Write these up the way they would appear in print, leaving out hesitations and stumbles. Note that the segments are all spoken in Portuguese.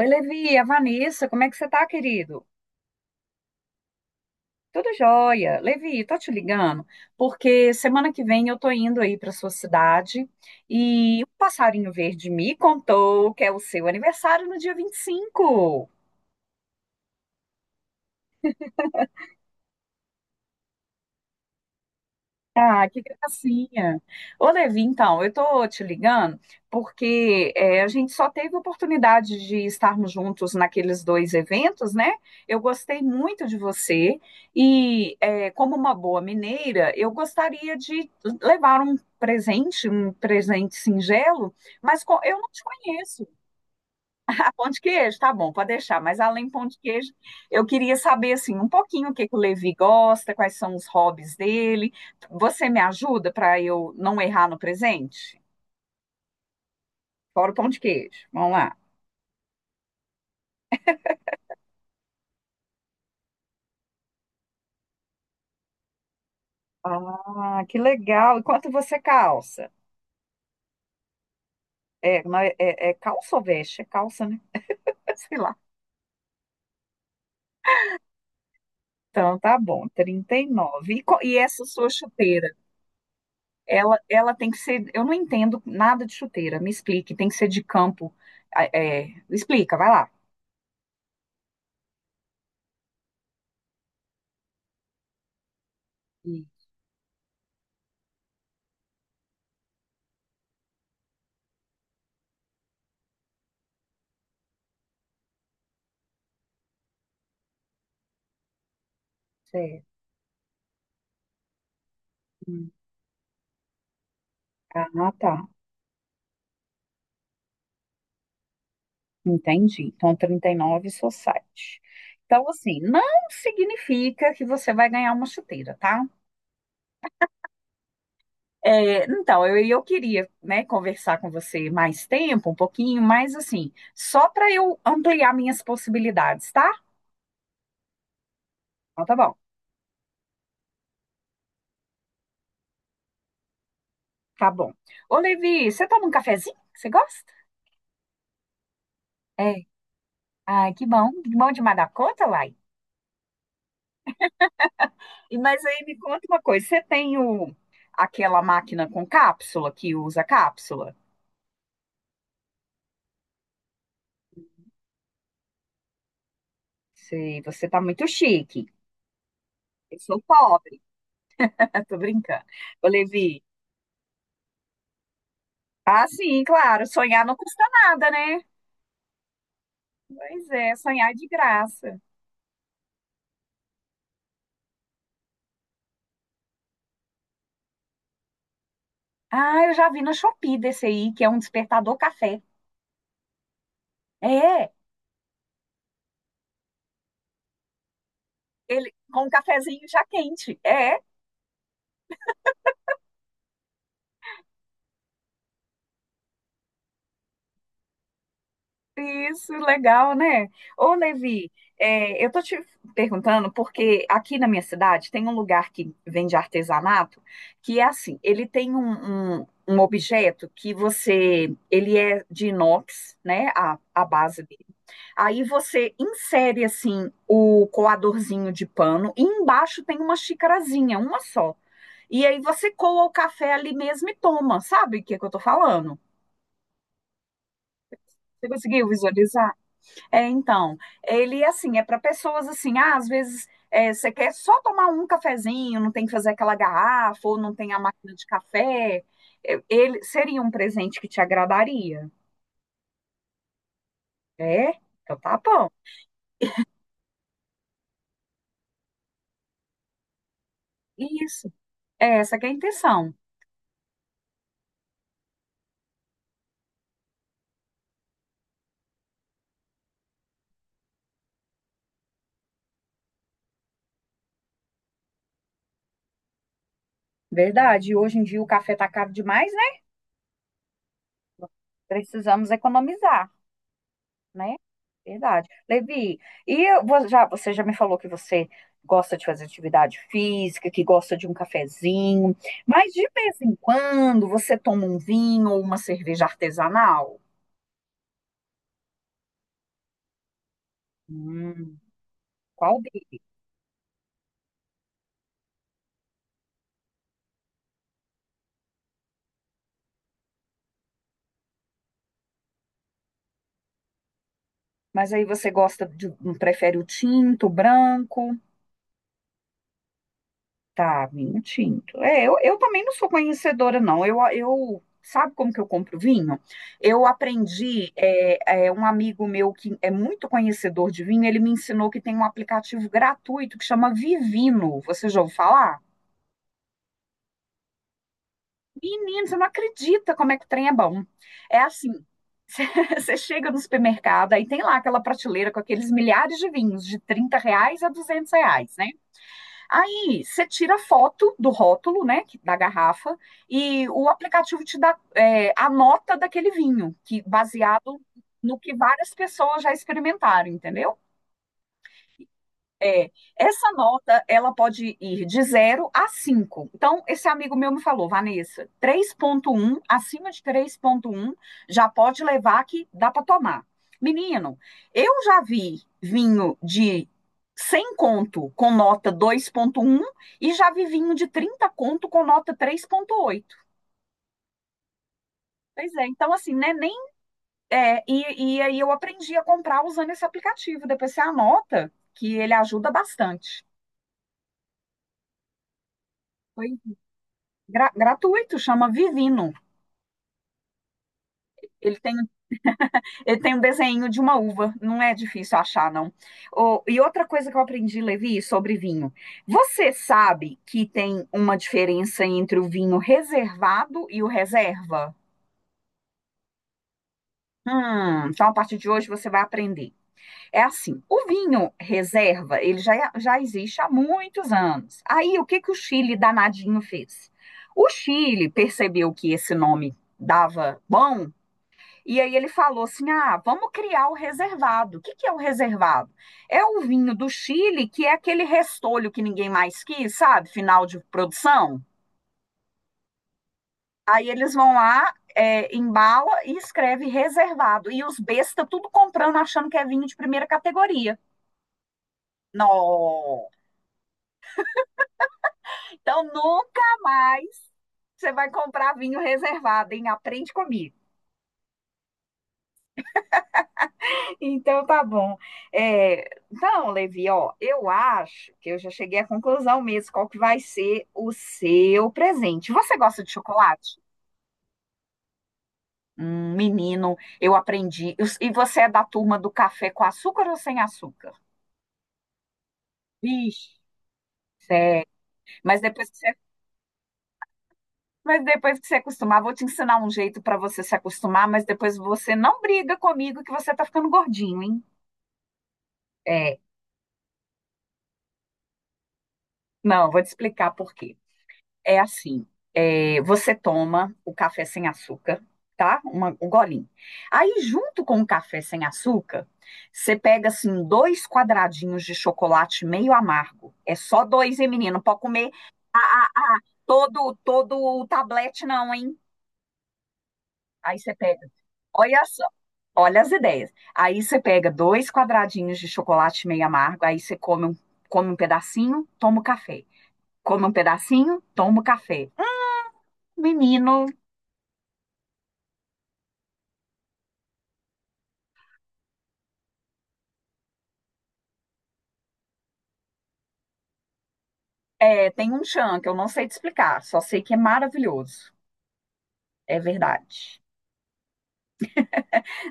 Oi, Levi, a Vanessa, como é que você tá, querido? Tudo jóia. Levi, tô te ligando porque semana que vem eu tô indo aí pra sua cidade e o passarinho verde me contou que é o seu aniversário no dia 25. Ah, que gracinha. Ô, Levi, então, eu tô te ligando porque a gente só teve oportunidade de estarmos juntos naqueles dois eventos, né? Eu gostei muito de você e, como uma boa mineira, eu gostaria de levar um presente singelo, mas eu não te conheço. Pão de queijo, tá bom, pode deixar. Mas além do pão de queijo, eu queria saber assim um pouquinho o que que o Levi gosta, quais são os hobbies dele. Você me ajuda para eu não errar no presente? Fora o pão de queijo. Vamos lá. Ah, que legal. E quanto você calça? É, não é, é calça ou veste? É calça, né? Sei lá. Então tá bom, 39. E, nove. E, e essa sua chuteira? Ela tem que ser. Eu não entendo nada de chuteira. Me explique. Tem que ser de campo. Ah, é, explica, vai lá. Certo. Hum. Ah, tá. Entendi. Então, 39 society. Então, assim, não significa que você vai ganhar uma chuteira, tá? É, então, eu queria, né, conversar com você mais tempo, um pouquinho, mas assim, só para eu ampliar minhas possibilidades, tá? Então, tá bom. Tá bom. Ô, Levi, você toma um cafezinho? Você gosta? É. Ai, que bom. Que bom demais da conta, Lai. E, mas aí me conta uma coisa, você tem aquela máquina com cápsula, que usa cápsula? Sei, você tá muito chique. Eu sou pobre. Eu tô brincando. Ô, Levi. Ah, sim, claro. Sonhar não custa nada, né? Pois é, sonhar é de graça. Ah, eu já vi no Shopee desse aí, que é um despertador café. É, ele com um cafezinho já quente. É. Isso, legal, né? Ô, Levi, eu tô te perguntando porque aqui na minha cidade tem um lugar que vende artesanato que é assim, ele tem um objeto que você, ele é de inox, né? A base dele. Aí você insere assim o coadorzinho de pano e embaixo tem uma xicarazinha, uma só. E aí você coa o café ali mesmo e toma, sabe o que é que eu tô falando? Você conseguiu visualizar? É, então, ele assim, é para pessoas assim, ah, às vezes você quer só tomar um cafezinho, não tem que fazer aquela garrafa, ou não tem a máquina de café. Ele seria um presente que te agradaria. É? Então tá bom. Isso. É essa que é a intenção. Verdade. E hoje em dia o café tá caro demais, né? Precisamos economizar, né? Verdade. Levi, e eu já, você já me falou que você gosta de fazer atividade física, que gosta de um cafezinho, mas de vez em quando você toma um vinho ou uma cerveja artesanal? Hum, qual deles? Mas aí você gosta de, prefere o tinto, o branco? Tá, vinho. É, eu também não sou conhecedora, não. Sabe como que eu compro vinho? Eu aprendi, um amigo meu que é muito conhecedor de vinho, ele me ensinou que tem um aplicativo gratuito que chama Vivino. Você já ouviu falar? Menino, você não acredita como é que o trem é bom. É assim, você chega no supermercado, aí tem lá aquela prateleira com aqueles milhares de vinhos, de 30 reais a 200 reais, né? Aí você tira a foto do rótulo, né, da garrafa, e o aplicativo te dá a nota daquele vinho, que baseado no que várias pessoas já experimentaram, entendeu? É, essa nota, ela pode ir de 0 a 5. Então, esse amigo meu me falou, Vanessa, 3,1 acima de 3,1 já pode levar que dá para tomar. Menino, eu já vi vinho de 100 conto com nota 2,1 e já vi vinho de 30 conto com nota 3,8. Pois é, então assim, né, nem... É, e aí eu aprendi a comprar usando esse aplicativo, depois você anota, que ele ajuda bastante. Pois gratuito, chama Vivino. Ele tem, ele tem um desenho de uma uva, não é difícil achar, não. Ô, e outra coisa que eu aprendi, Levi, sobre vinho. Você sabe que tem uma diferença entre o vinho reservado e o reserva? Então a partir de hoje você vai aprender. É assim, o vinho reserva, ele já existe há muitos anos. Aí, o que que o Chile danadinho fez? O Chile percebeu que esse nome dava bom. E aí ele falou assim: ah, vamos criar o reservado. O que, que é o reservado? É o vinho do Chile, que é aquele restolho que ninguém mais quis, sabe? Final de produção. Aí eles vão lá, é, embala e escreve reservado. E os besta tudo comprando, achando que é vinho de primeira categoria. Não! Então nunca mais você vai comprar vinho reservado, hein? Aprende comigo. Então tá bom. É, então, Levi, ó, eu acho que eu já cheguei à conclusão mesmo, qual que vai ser o seu presente. Você gosta de chocolate? Menino, eu aprendi. E você é da turma do café com açúcar ou sem açúcar? Vixe. É, mas depois que você acostumar, vou te ensinar um jeito para você se acostumar, mas depois você não briga comigo que você tá ficando gordinho, hein? É, não, vou te explicar por quê. É assim, é, você toma o café sem açúcar, tá? Um golinho. Aí, junto com o café sem açúcar, você pega, assim, dois quadradinhos de chocolate meio amargo. É só dois, hein, menino? Não pode comer ah, todo, todo o tablete, não, hein? Aí você pega, olha só, olha as ideias. Aí você pega dois quadradinhos de chocolate meio amargo, aí você come um, pedacinho, toma o café. Come um pedacinho, toma o café. Menino, é, tem um chão que eu não sei te explicar, só sei que é maravilhoso. É verdade.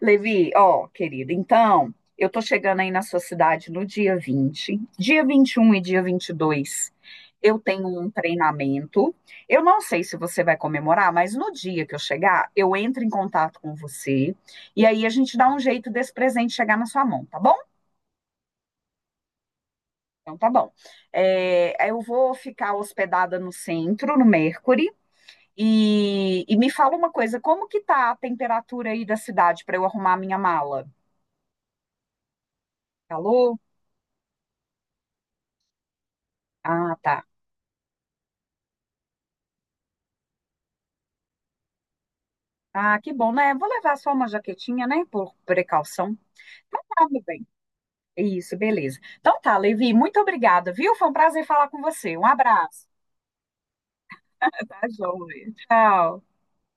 Levi, ó, querido, então, eu tô chegando aí na sua cidade no dia 20, dia 21 e dia 22. Eu tenho um treinamento. Eu não sei se você vai comemorar, mas no dia que eu chegar, eu entro em contato com você e aí a gente dá um jeito desse presente chegar na sua mão, tá bom? Então tá bom. É, eu vou ficar hospedada no centro, no Mercury. E me fala uma coisa, como que tá a temperatura aí da cidade para eu arrumar minha mala? Calor? Ah, tá. Ah, que bom, né? Vou levar só uma jaquetinha, né? Por precaução. Então tá, meu bem. Isso, beleza. Então tá, Levi, muito obrigada, viu? Foi um prazer falar com você. Um abraço. Tá, joia. Tchau.